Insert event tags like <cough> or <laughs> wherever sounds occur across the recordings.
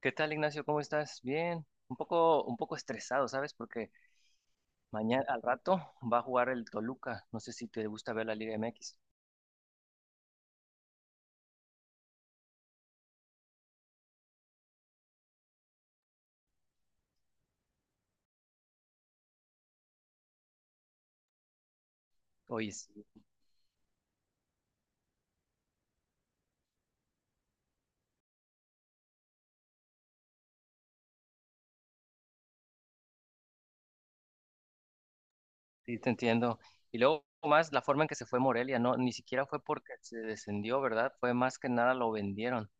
¿Qué tal, Ignacio? ¿Cómo estás? Bien. Un poco estresado, ¿sabes? Porque mañana al rato va a jugar el Toluca. No sé si te gusta ver la Liga MX. Oye, sí, sí, te entiendo. Y luego más la forma en que se fue Morelia, no, ni siquiera fue porque se descendió, ¿verdad? Fue más que nada lo vendieron.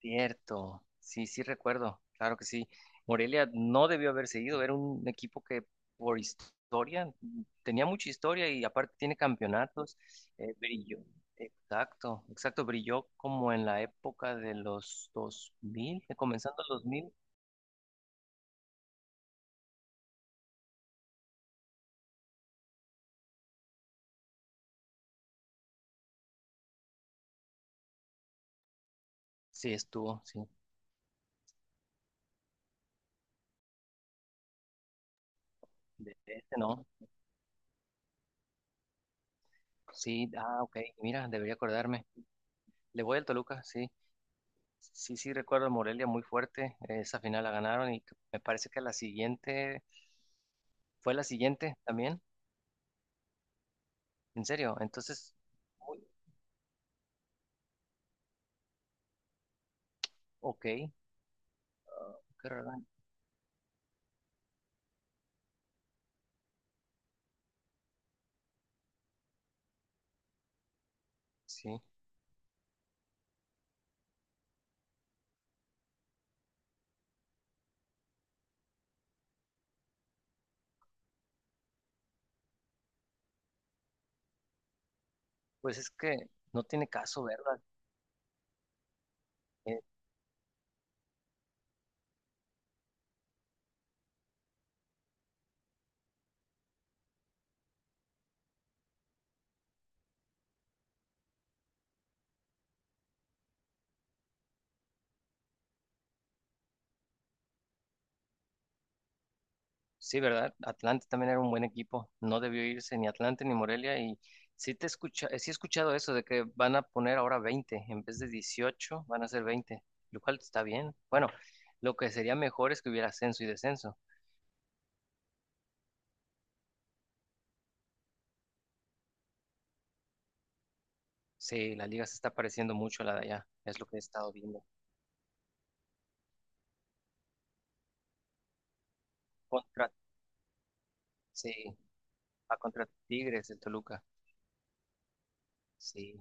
Cierto, sí, sí recuerdo, claro que sí. Morelia no debió haber seguido, era un equipo que por historia tenía mucha historia y aparte tiene campeonatos, brilló, exacto, exacto, brilló como en la época de los 2000, comenzando los 2000, sí estuvo, sí, de este no, sí, ah, ok, mira, debería acordarme, le voy al Toluca, sí, sí, sí, recuerdo a Morelia muy fuerte. Esa final la ganaron y me parece que la siguiente fue la siguiente también. En serio, entonces, muy- ok. Ah, qué raro, sí, pues es que no tiene caso verla. Eh, sí, ¿verdad? Atlante también era un buen equipo. No debió irse ni Atlante ni Morelia. Y sí, te escucha, sí he escuchado eso de que van a poner ahora 20 en vez de 18, van a ser 20, lo cual está bien. Bueno, lo que sería mejor es que hubiera ascenso y descenso. Sí, la liga se está pareciendo mucho a la de allá, es lo que he estado viendo. Contra, sí, va contra Tigres, el Toluca. Sí,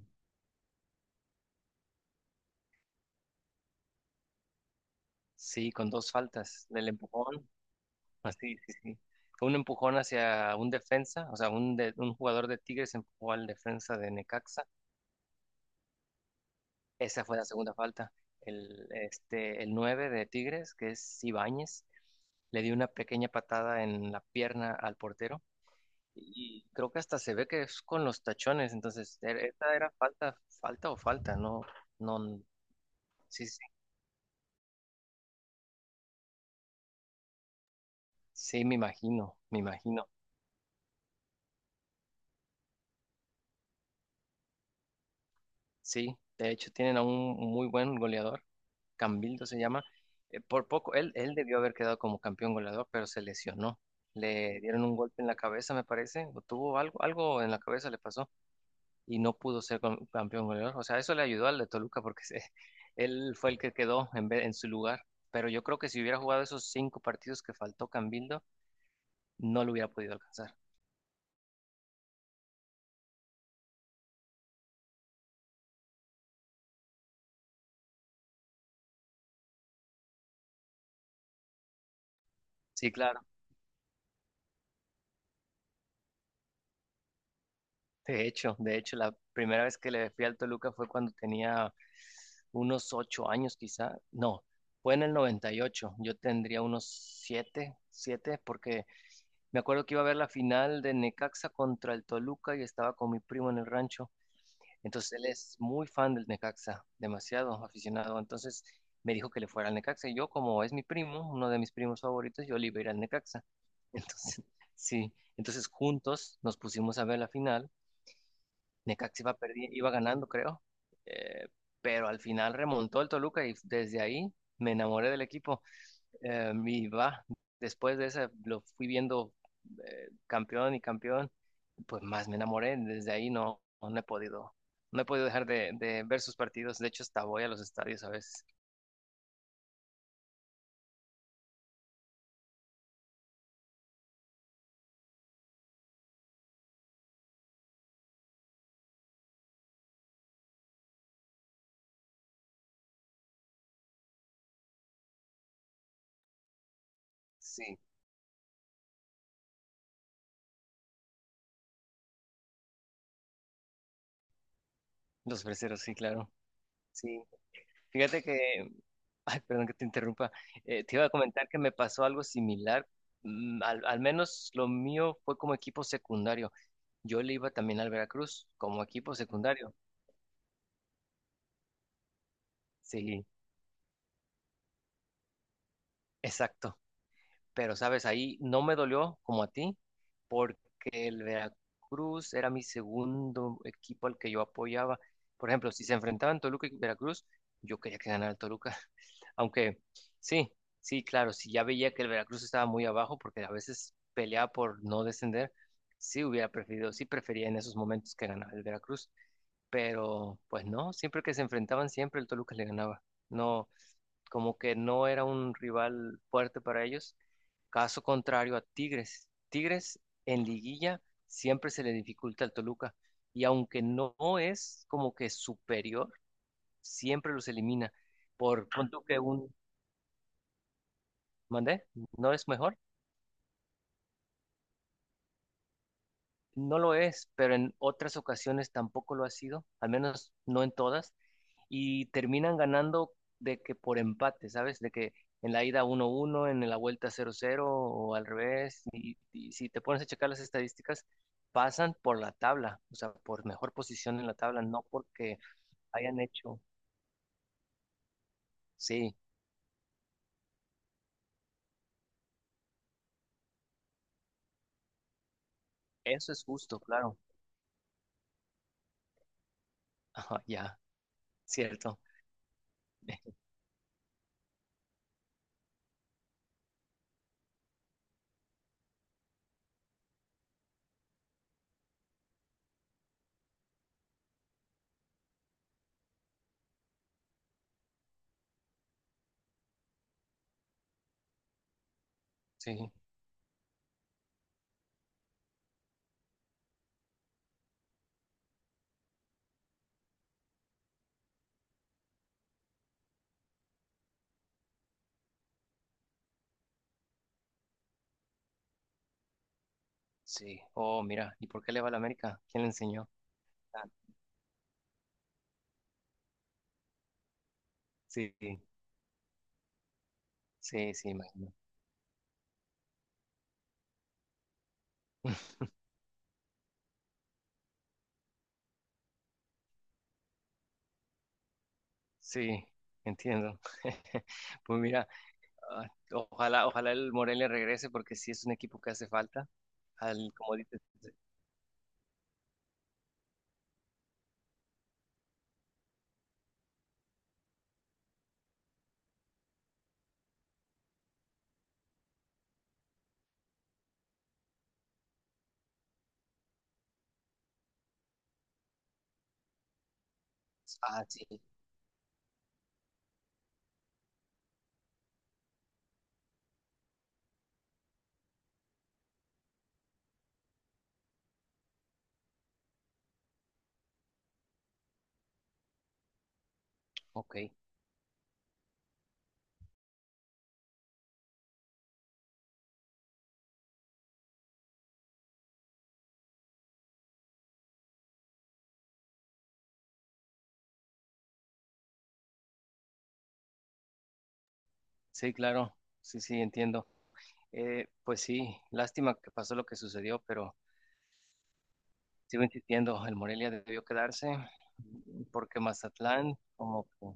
sí, con dos faltas, del empujón, así, sí, sí. Un empujón hacia un defensa, o sea, un jugador de Tigres empujó al defensa de Necaxa. Esa fue la segunda falta. El 9 de Tigres, que es Ibáñez, le dio una pequeña patada en la pierna al portero. Y creo que hasta se ve que es con los tachones, entonces, esta era falta, falta o falta, no, no, sí, sí, sí, me imagino, sí, de hecho tienen a un muy buen goleador, Cambildo se llama, por poco, él debió haber quedado como campeón goleador, pero se lesionó, le dieron un golpe en la cabeza, me parece, o tuvo algo, algo en la cabeza le pasó, y no pudo ser campeón goleador. O sea, eso le ayudó al de Toluca porque <laughs> él fue el que quedó en, en su lugar. Pero yo creo que si hubiera jugado esos cinco partidos que faltó Cambildo, no lo hubiera podido alcanzar. Sí, claro. De hecho, la primera vez que le fui al Toluca fue cuando tenía unos 8 años quizá. No, fue en el 98. Yo tendría unos siete, porque me acuerdo que iba a ver la final de Necaxa contra el Toluca y estaba con mi primo en el rancho. Entonces él es muy fan del Necaxa, demasiado aficionado. Entonces me dijo que le fuera al Necaxa. Y yo, como es mi primo, uno de mis primos favoritos, yo le iba a ir al Necaxa. <laughs> Entonces, sí. Entonces juntos nos pusimos a ver la final. Necaxa iba perdiendo, iba ganando, creo. Eh, pero al final remontó el Toluca y desde ahí me enamoré del equipo. Eh, y va, después de esa lo fui viendo campeón y campeón, pues más me enamoré. Desde ahí no he podido, no he podido dejar de ver sus partidos. De hecho, hasta voy a los estadios a veces. Sí, los freseros, sí, claro. Sí. Fíjate que, <laughs> ay, perdón que te interrumpa. Te iba a comentar que me pasó algo similar. Al menos lo mío fue como equipo secundario. Yo le iba también al Veracruz como equipo secundario. Sí, exacto. Pero sabes, ahí no me dolió como a ti, porque el Veracruz era mi segundo equipo al que yo apoyaba. Por ejemplo, si se enfrentaban Toluca y Veracruz, yo quería que ganara el Toluca. <laughs> Aunque sí, sí, claro, si ya veía que el Veracruz estaba muy abajo, porque a veces peleaba por no descender, sí hubiera preferido, sí prefería en esos momentos que ganara el Veracruz. Pero pues no, siempre que se enfrentaban, siempre el Toluca le ganaba. No, como que no era un rival fuerte para ellos. Caso contrario a Tigres. Tigres en liguilla siempre se le dificulta al Toluca y aunque no es como que superior, siempre los elimina. Por punto que un, ¿mandé? ¿No es mejor? No lo es, pero en otras ocasiones tampoco lo ha sido, al menos no en todas, y terminan ganando de que por empate, ¿sabes? De que en la ida 1-1 en la vuelta 0-0 o al revés, y si te pones a checar las estadísticas, pasan por la tabla, o sea, por mejor posición en la tabla, no porque hayan hecho, sí, eso es justo, claro, ajá, ya, cierto, <laughs> sí, sí, oh, mira, ¿y por qué le va a la América? ¿Quién le enseñó? Ah, sí, sí, sí, imagínate. Sí, entiendo. <laughs> Pues mira, ah, ojalá, ojalá el Morelia regrese porque sí es un equipo que hace falta. Como dices, ah, sí, ok. Sí, claro, sí, sí, entiendo. Pues sí, lástima que pasó lo que sucedió, pero sigo insistiendo, el Morelia debió quedarse porque Mazatlán, como que,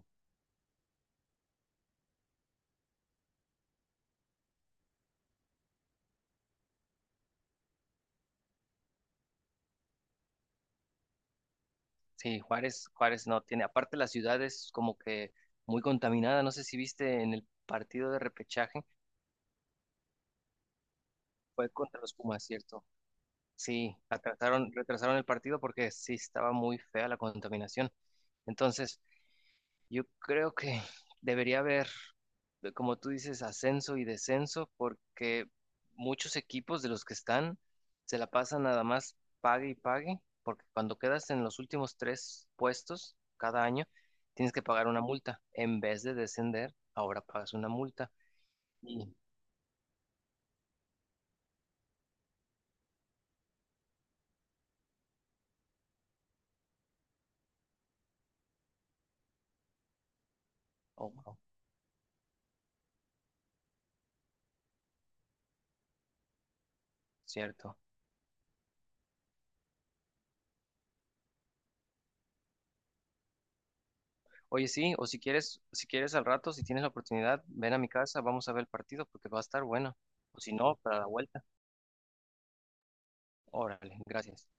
sí, Juárez, Juárez no tiene, aparte la ciudad es como que muy contaminada, no sé si viste en el partido de repechaje, fue contra los Pumas, ¿cierto? Sí, atrasaron, retrasaron el partido porque sí estaba muy fea la contaminación. Entonces, yo creo que <laughs> debería haber, como tú dices, ascenso y descenso porque muchos equipos de los que están se la pasan nada más pague y pague, porque cuando quedas en los últimos tres puestos cada año, tienes que pagar una multa. En vez de descender, ahora pagas una multa. Y, oh, wow, cierto. Oye, sí, o si quieres, si quieres al rato, si tienes la oportunidad, ven a mi casa, vamos a ver el partido porque va a estar bueno. O si no, para la vuelta. Órale, gracias.